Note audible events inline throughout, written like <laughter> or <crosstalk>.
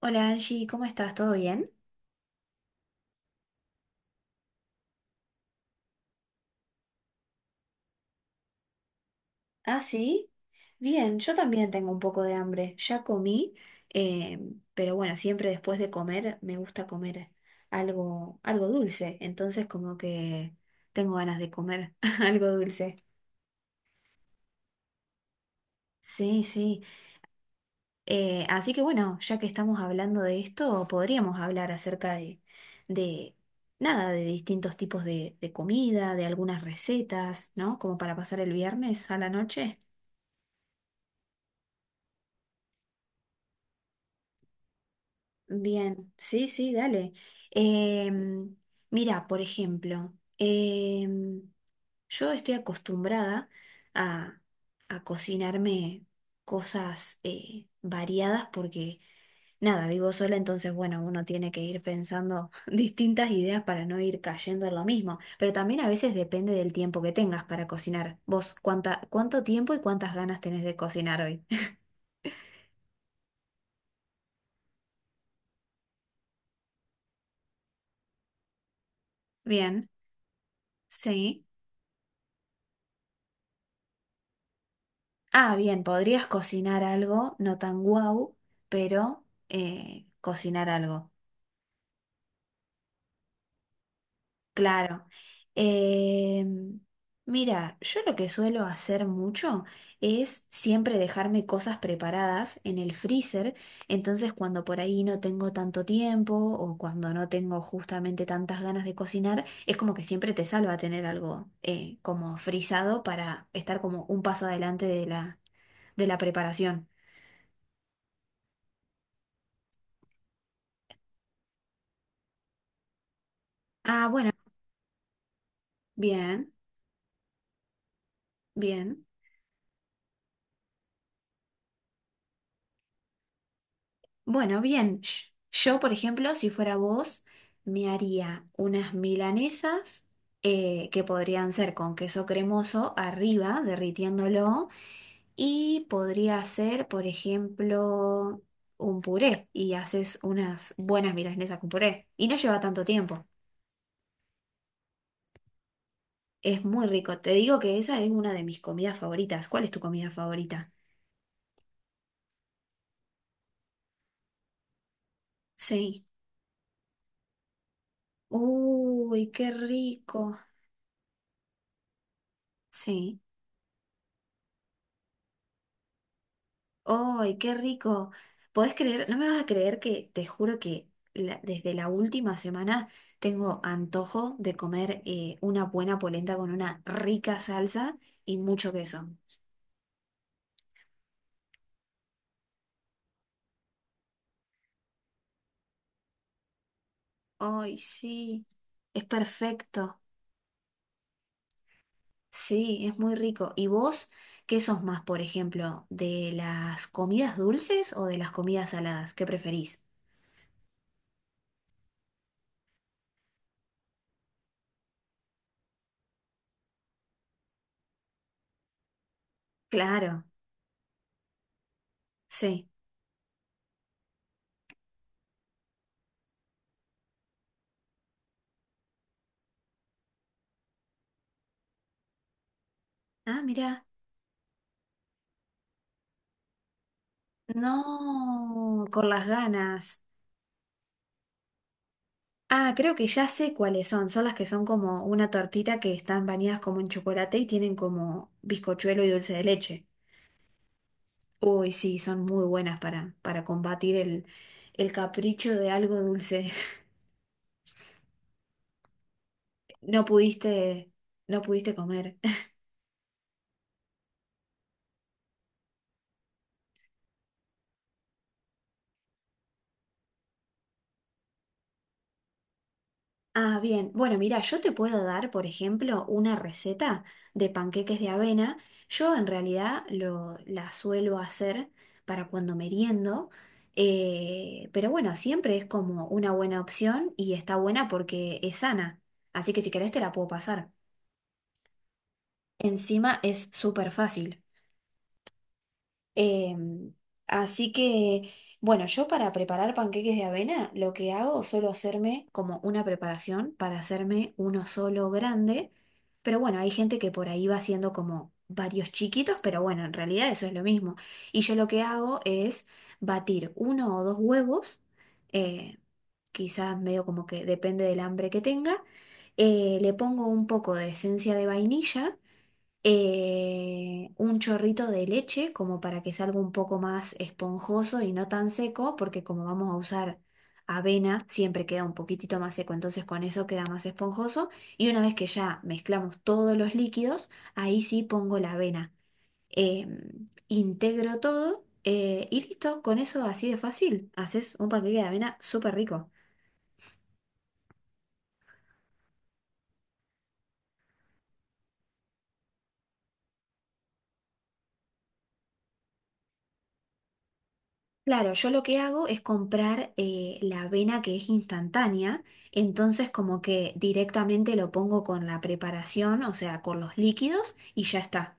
Hola Angie, ¿cómo estás? ¿Todo bien? Ah, sí. Bien, yo también tengo un poco de hambre. Ya comí, eh, pero bueno, siempre después de comer me gusta comer algo dulce. Entonces como que tengo ganas de comer <laughs> algo dulce. Sí, sí. Así que bueno, ya que estamos hablando de esto, podríamos hablar acerca de nada, de distintos tipos de comida, de algunas recetas, ¿no? Como para pasar el viernes a la noche. Bien, sí, sí, dale. Em, Mira, por ejemplo, em, yo estoy acostumbrada a, a cocinarme cosas variadas porque, nada, vivo sola, entonces, bueno, uno tiene que ir pensando <laughs> distintas ideas para no ir cayendo en lo mismo. Pero también a veces depende del tiempo que tengas para cocinar. Vos, ¿ cuánto tiempo y cuántas ganas tenés de cocinar hoy? <laughs> Bien, sí. Ah, bien, podrías cocinar algo, no tan guau, pero cocinar algo, claro. Eh, Mira, yo lo que suelo hacer mucho es siempre dejarme cosas preparadas en el freezer, entonces cuando por ahí no tengo tanto tiempo o cuando no tengo justamente tantas ganas de cocinar, es como que siempre te salva tener algo como frisado para estar como un paso adelante de de la preparación. Ah, bueno, bien. Bien, bueno, bien. Yo, por ejemplo, si fuera vos, me haría unas milanesas que podrían ser con queso cremoso arriba, derritiéndolo, y podría ser, por ejemplo, un puré y haces unas buenas milanesas con puré. Y no lleva tanto tiempo. Es muy rico. Te digo que esa es una de mis comidas favoritas. ¿Cuál es tu comida favorita? Sí. Uy, qué rico. Sí. ¡Ay, qué rico! ¿Podés creer? No me vas a creer que te juro que desde la última semana tengo antojo de comer una buena polenta con una rica salsa y mucho queso. ¡Ay, sí! Es perfecto. Sí, es muy rico. ¿Y vos qué sos más, por ejemplo, de las comidas dulces o de las comidas saladas? ¿Qué preferís? Claro, sí. Ah, mira. No, con las ganas. Ah, creo que ya sé cuáles son. Son las que son como una tortita que están bañadas como en chocolate y tienen como bizcochuelo y dulce de leche. Uy, sí, son muy buenas para combatir el capricho de algo dulce. <laughs> No pudiste, no pudiste comer. Ah, bien. Bueno, mira, yo te puedo dar, por ejemplo, una receta de panqueques de avena. Yo en realidad la suelo hacer para cuando meriendo, pero bueno, siempre es como una buena opción y está buena porque es sana. Así que si querés te la puedo pasar. Encima es súper fácil. Em, Así que, bueno, yo para preparar panqueques de avena, lo que hago, suelo hacerme como una preparación para hacerme uno solo grande. Pero bueno, hay gente que por ahí va haciendo como varios chiquitos, pero bueno, en realidad eso es lo mismo. Y yo lo que hago es batir uno o dos huevos, eh, quizás medio como que depende del hambre que tenga. Le pongo un poco de esencia de vainilla un chorrito de leche como para que salga un poco más esponjoso y no tan seco, porque como vamos a usar avena, siempre queda un poquitito más seco, entonces con eso queda más esponjoso. Y una vez que ya mezclamos todos los líquidos, ahí sí pongo la avena. Eh, Integro todo y listo, con eso así de fácil, haces un paquete de avena súper rico. Claro, yo lo que hago es comprar la avena que es instantánea, entonces como que directamente lo pongo con la preparación, o sea, con los líquidos y ya está.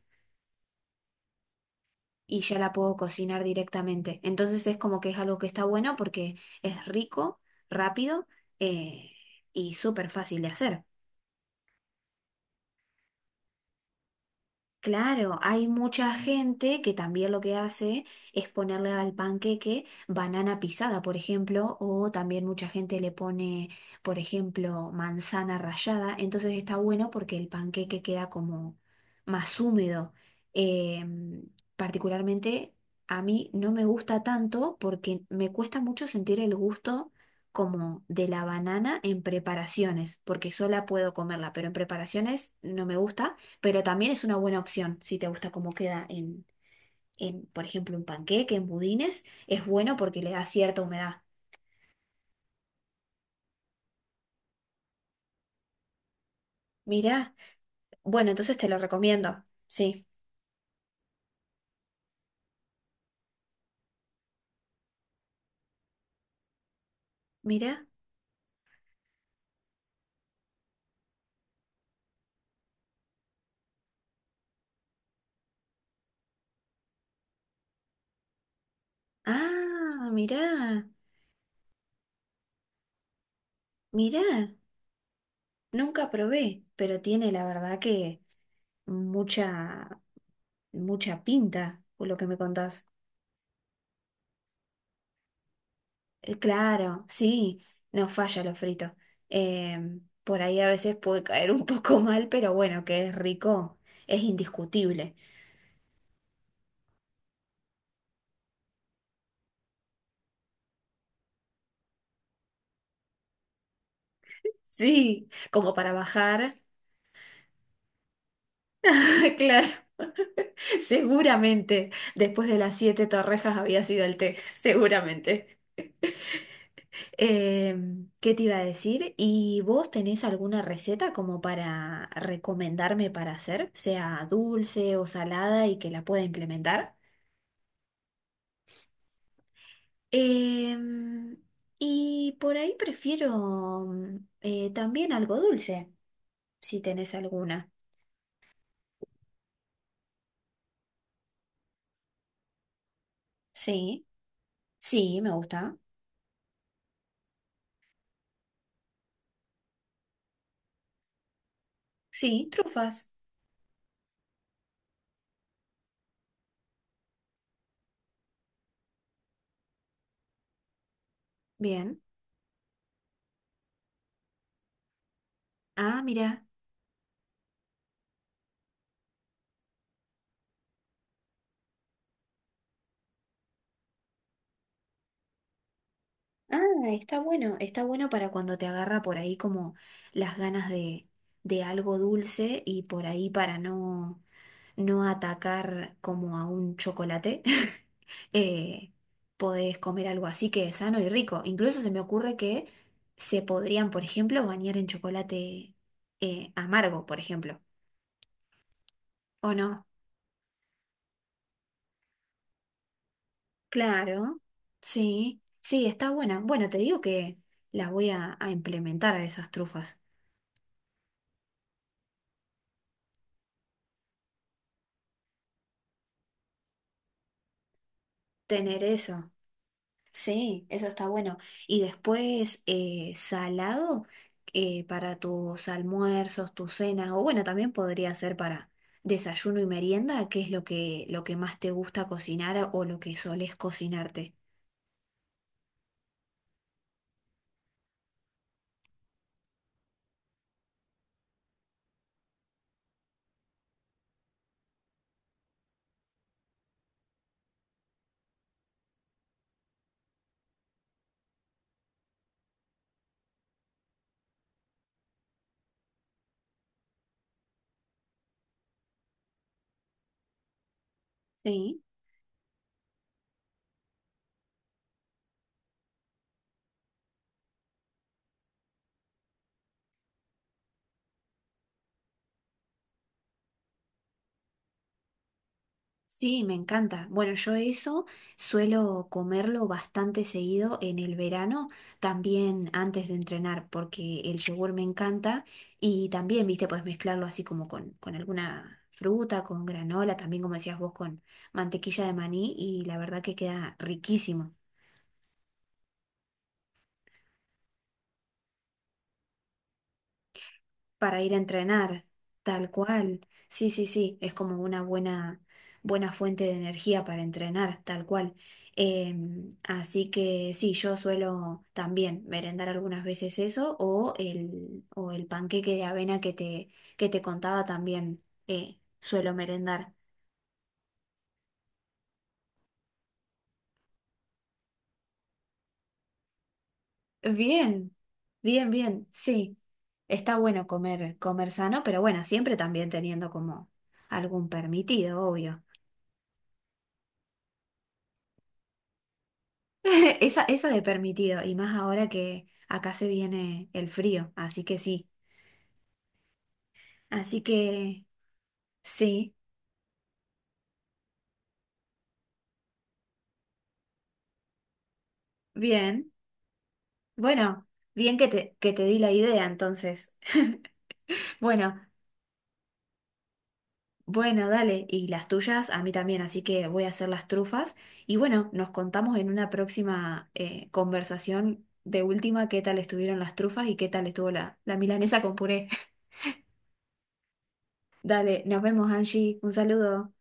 Y ya la puedo cocinar directamente. Entonces es como que es algo que está bueno porque es rico, rápido eh, y súper fácil de hacer. Claro, hay mucha gente que también lo que hace es ponerle al panqueque banana pisada, por ejemplo, o también mucha gente le pone, por ejemplo, manzana rallada. Entonces está bueno porque el panqueque queda como más húmedo. Eh, Particularmente a mí no me gusta tanto porque me cuesta mucho sentir el gusto como de la banana en preparaciones, porque sola puedo comerla, pero en preparaciones no me gusta pero también es una buena opción si te gusta cómo queda en, por ejemplo, un panqueque, en budines, es bueno porque le da cierta humedad. Mirá, bueno, entonces te lo recomiendo, sí, mirá, ah, mirá, mirá, nunca probé, pero tiene la verdad que mucha, mucha pinta, por lo que me contás. Claro, sí, no falla lo frito. Por ahí a veces puede caer un <laughs> poco mal, pero bueno, que es rico, es indiscutible. Sí, como para bajar. <laughs> Claro, <laughs> seguramente después de las siete torrejas había sido el té, <laughs> seguramente. Em, ¿qué te iba a decir? ¿Y vos tenés alguna receta como para recomendarme para hacer, sea dulce o salada y que la pueda implementar? Em, y por ahí prefiero también algo dulce, si tenés alguna. Sí, sí, me gusta. Sí, trufas. Bien. Ah, mira. Ah, está bueno. Está bueno para cuando te agarra por ahí como las ganas de algo dulce y por ahí para no, no atacar como a un chocolate. <laughs> eh, Podés comer algo así que es sano y rico. Incluso se me ocurre que se podrían, por ejemplo, bañar en chocolate amargo, por ejemplo. ¿O no? Claro. Sí, sí, está buena. Bueno, te digo que las voy a implementar a esas trufas. Tener eso. Sí, eso está bueno. Y después salado para tus almuerzos, tus cenas, o bueno, también podría ser para desayuno y merienda, que es lo que más te gusta cocinar o lo que solés cocinarte. Sí. Sí, me encanta. Bueno, yo eso suelo comerlo bastante seguido en el verano, también antes de entrenar, porque el yogur me encanta y también, viste, puedes mezclarlo así como con alguna fruta, con granola, también como decías vos, con mantequilla de maní y la verdad que queda riquísimo. Para ir a entrenar, tal cual. Sí, sí, sí, es como una buena, buena fuente de energía para entrenar, tal cual. Así que sí, yo suelo también merendar algunas veces eso o el panqueque de avena que te contaba también suelo merendar. Bien, bien, bien, sí. Está bueno comer, comer sano, pero bueno, siempre también teniendo como algún permitido, obvio. <laughs> Esa de permitido, y más ahora que acá se viene el frío, así que sí. Así que sí, bien. Bueno, bien que te di la idea entonces. <laughs> Bueno, bueno, dale, y las tuyas a mí también, así que voy a hacer las trufas. Y bueno, nos contamos en una próxima conversación de última qué tal estuvieron las trufas y qué tal estuvo la milanesa con puré. <laughs> Dale, nos vemos, Angie. Un saludo.